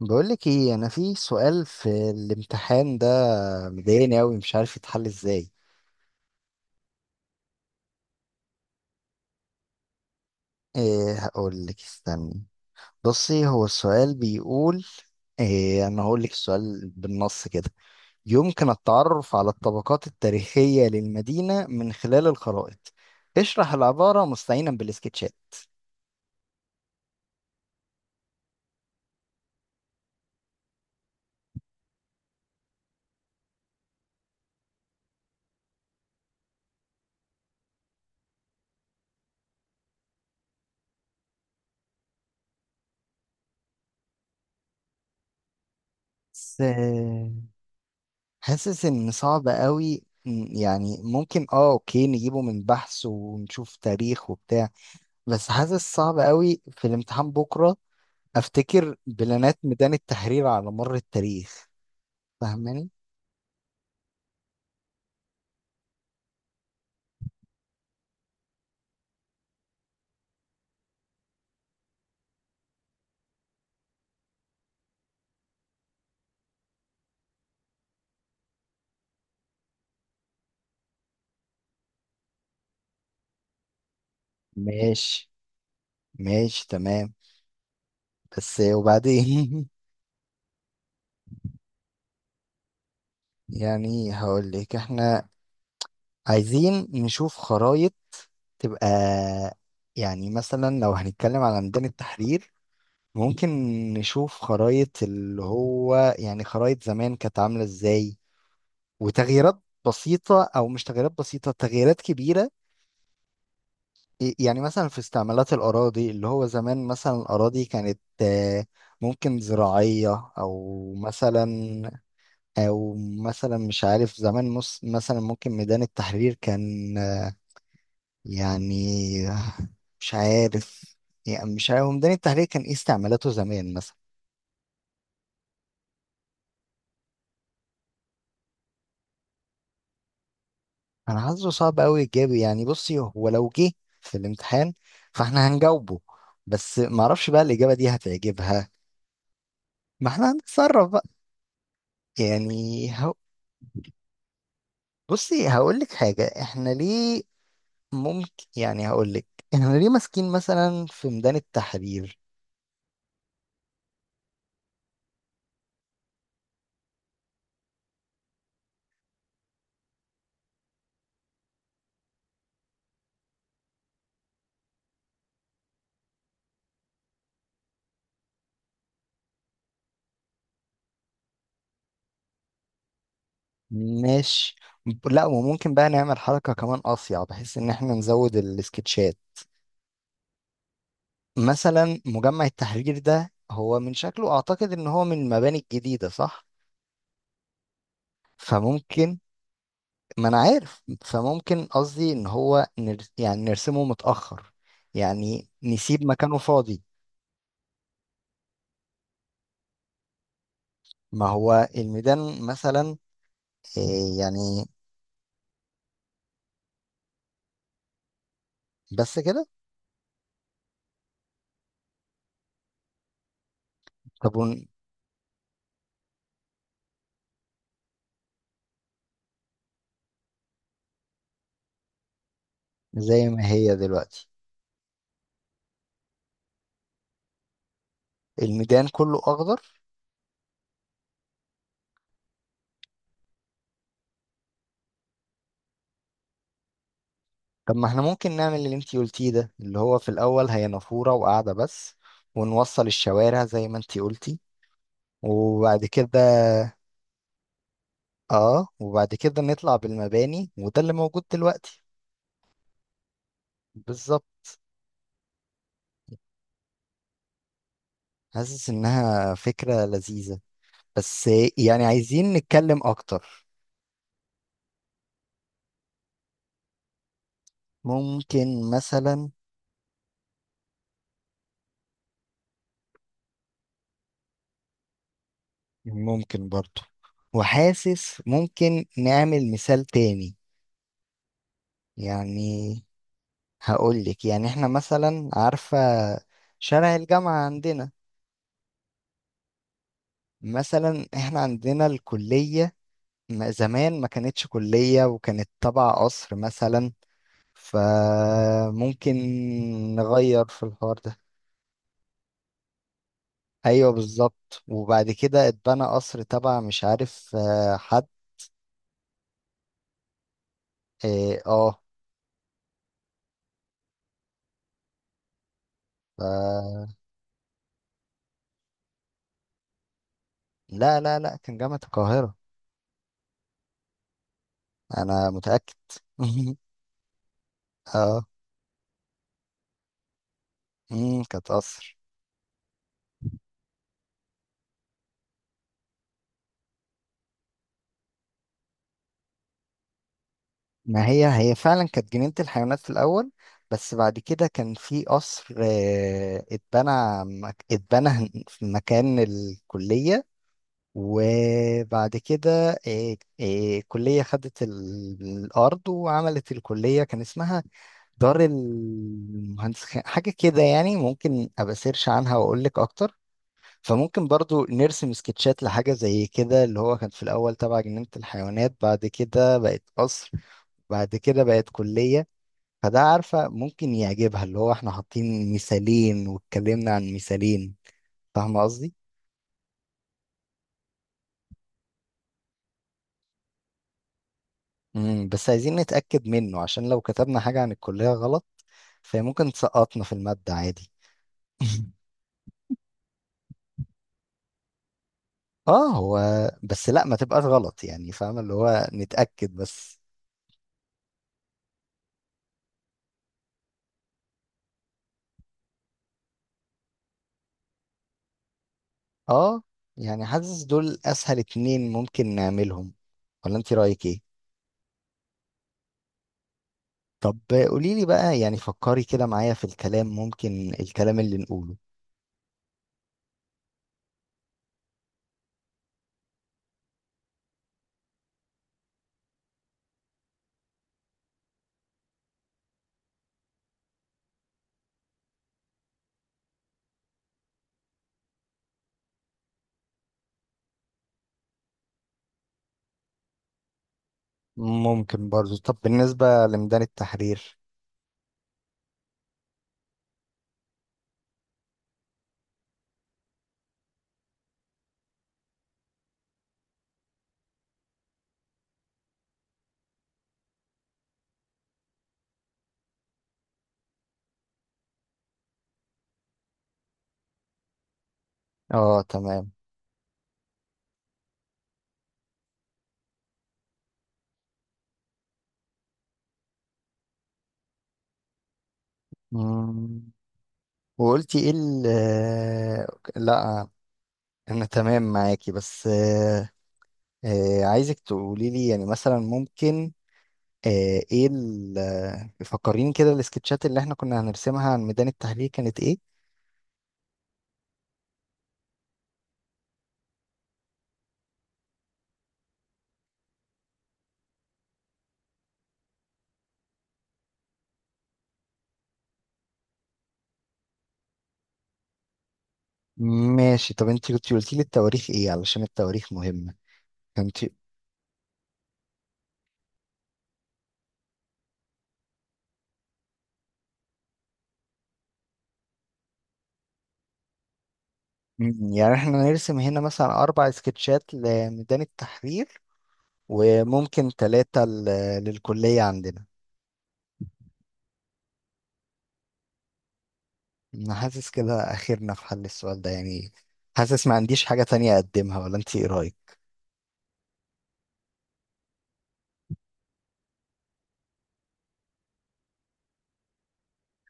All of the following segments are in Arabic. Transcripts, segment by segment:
بقولك ايه، انا في سؤال في الامتحان ده مضايقني اوي، مش عارف يتحل ازاي. إيه هقولك، استني. بصي، هو السؤال بيقول إيه. انا هقولك السؤال بالنص كده: يمكن التعرف على الطبقات التاريخية للمدينة من خلال الخرائط. اشرح العبارة مستعينا بالسكتشات. بس حاسس ان صعب اوي. يعني ممكن اه، اوكي، نجيبه من بحث ونشوف تاريخ وبتاع. بس حاسس صعب قوي في الامتحان بكرة. افتكر بلانات ميدان التحرير على مر التاريخ. فاهماني؟ ماشي. ماشي، تمام. بس وبعدين. يعني هقول لك، احنا عايزين نشوف خرايط تبقى، يعني مثلا لو هنتكلم على ميدان التحرير، ممكن نشوف خرايط اللي هو، يعني خرايط زمان كانت عاملة ازاي، وتغييرات بسيطة، او مش تغييرات بسيطة، تغييرات كبيرة. يعني مثلا في استعمالات الأراضي، اللي هو زمان مثلا الأراضي كانت ممكن زراعية، أو مثلا، أو مثلا مش عارف. زمان مثلا ممكن ميدان التحرير كان يعني، مش عارف. يعني مش عارف ميدان التحرير كان إيه استعمالاته زمان مثلا. أنا حاسه صعب أوي إجابي، يعني بصي هو لو جه في الامتحان فإحنا هنجاوبه، بس معرفش بقى الإجابة دي هتعجبها. ما إحنا هنتصرف بقى. يعني بصي هقول لك حاجة، احنا ليه ممكن، يعني هقول لك، احنا ليه ماسكين مثلا في ميدان التحرير. ماشي. لا، وممكن بقى نعمل حركة كمان أصيع بحيث ان احنا نزود السكتشات. مثلا مجمع التحرير ده هو من شكله اعتقد ان هو من المباني الجديدة، صح؟ فممكن. ما انا عارف، فممكن قصدي ان هو يعني نرسمه متأخر، يعني نسيب مكانه فاضي. ما هو الميدان مثلا، إيه يعني. بس كده؟ طب زي ما هي دلوقتي. الميدان كله اخضر؟ طب ما احنا ممكن نعمل اللي انتي قلتيه ده، اللي هو في الاول هي نافورة وقاعدة بس، ونوصل الشوارع زي ما انتي قلتي، وبعد كده نطلع بالمباني، وده اللي موجود دلوقتي. بالظبط. حاسس انها فكرة لذيذة، بس يعني عايزين نتكلم اكتر. ممكن مثلا، ممكن برضو، وحاسس ممكن نعمل مثال تاني. يعني هقول لك، يعني احنا مثلا، عارفة شارع الجامعة عندنا؟ مثلا احنا عندنا الكلية. زمان ما كانتش كلية وكانت تبع قصر مثلا، فممكن نغير في الحوار ده. ايوه بالظبط، وبعد كده اتبنى قصر تبع مش عارف حد. اه، آه. ف... لا لا لا، كان جامعة القاهرة، انا متأكد. اه. مم، كانت قصر. ما هي هي فعلا كانت جنينة الحيوانات في الأول، بس بعد كده كان في قصر اتبنى، اتبنى في مكان الكلية. وبعد كده الكلية خدت الأرض وعملت الكلية. كان اسمها دار المهندس حاجة كده يعني، ممكن أبقى سيرش عنها وأقول لك أكتر. فممكن برضو نرسم سكتشات لحاجة زي كده، اللي هو كان في الأول تبع جنينة الحيوانات، بعد كده بقت قصر، بعد كده بقت كلية. فده عارفة ممكن يعجبها، اللي هو احنا حاطين مثالين واتكلمنا عن مثالين. فاهمة قصدي؟ امم، بس عايزين نتأكد منه، عشان لو كتبنا حاجة عن الكلية غلط فهي ممكن تسقطنا في المادة عادي. اه هو، بس لا ما تبقاش غلط يعني، فاهمة اللي هو نتأكد بس. اه. يعني حاسس دول أسهل اتنين ممكن نعملهم، ولا انت رأيك ايه؟ طب قوليلي بقى، يعني فكري كده معايا في الكلام، ممكن الكلام اللي نقوله. ممكن برضو. طب بالنسبة لميدان التحرير؟ اه تمام. مم. وقلتي ايه ال آه، لا انا تمام معاكي، بس عايزك تقولي لي، يعني مثلا ممكن آه، ايه ال آه، فكريني كده، السكتشات اللي احنا كنا هنرسمها عن ميدان التحرير كانت ايه. ماشي. طب انت كنت قلتي لي التواريخ ايه، علشان التواريخ مهمة. كنت. مم، يعني احنا نرسم هنا مثلا 4 سكتشات لميدان التحرير، وممكن 3 للكلية عندنا. انا حاسس كده اخرنا في حل السؤال ده يعني. حاسس ما عنديش حاجة تانية اقدمها، ولا انت ايه رايك؟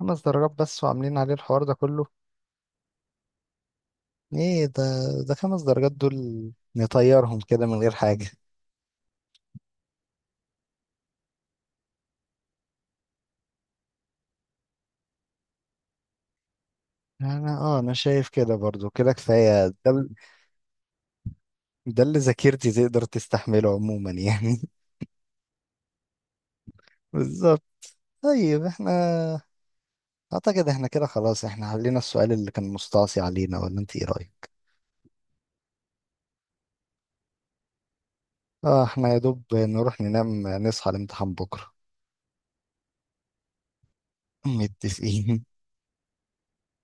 خمس درجات بس، وعاملين عليه الحوار ده كله! ايه ده! ده 5 درجات دول، نطيرهم كده من غير حاجة. انا اه، انا شايف كده برضو، كده كفاية ده ده اللي ذاكرتي تقدر تستحمله عموما يعني. بالظبط. طيب احنا اعتقد احنا كده خلاص، احنا حلينا السؤال اللي كان مستعصي علينا، ولا انت ايه رايك؟ اه احنا يا دوب نروح ننام نصحى الامتحان بكرة. متفقين.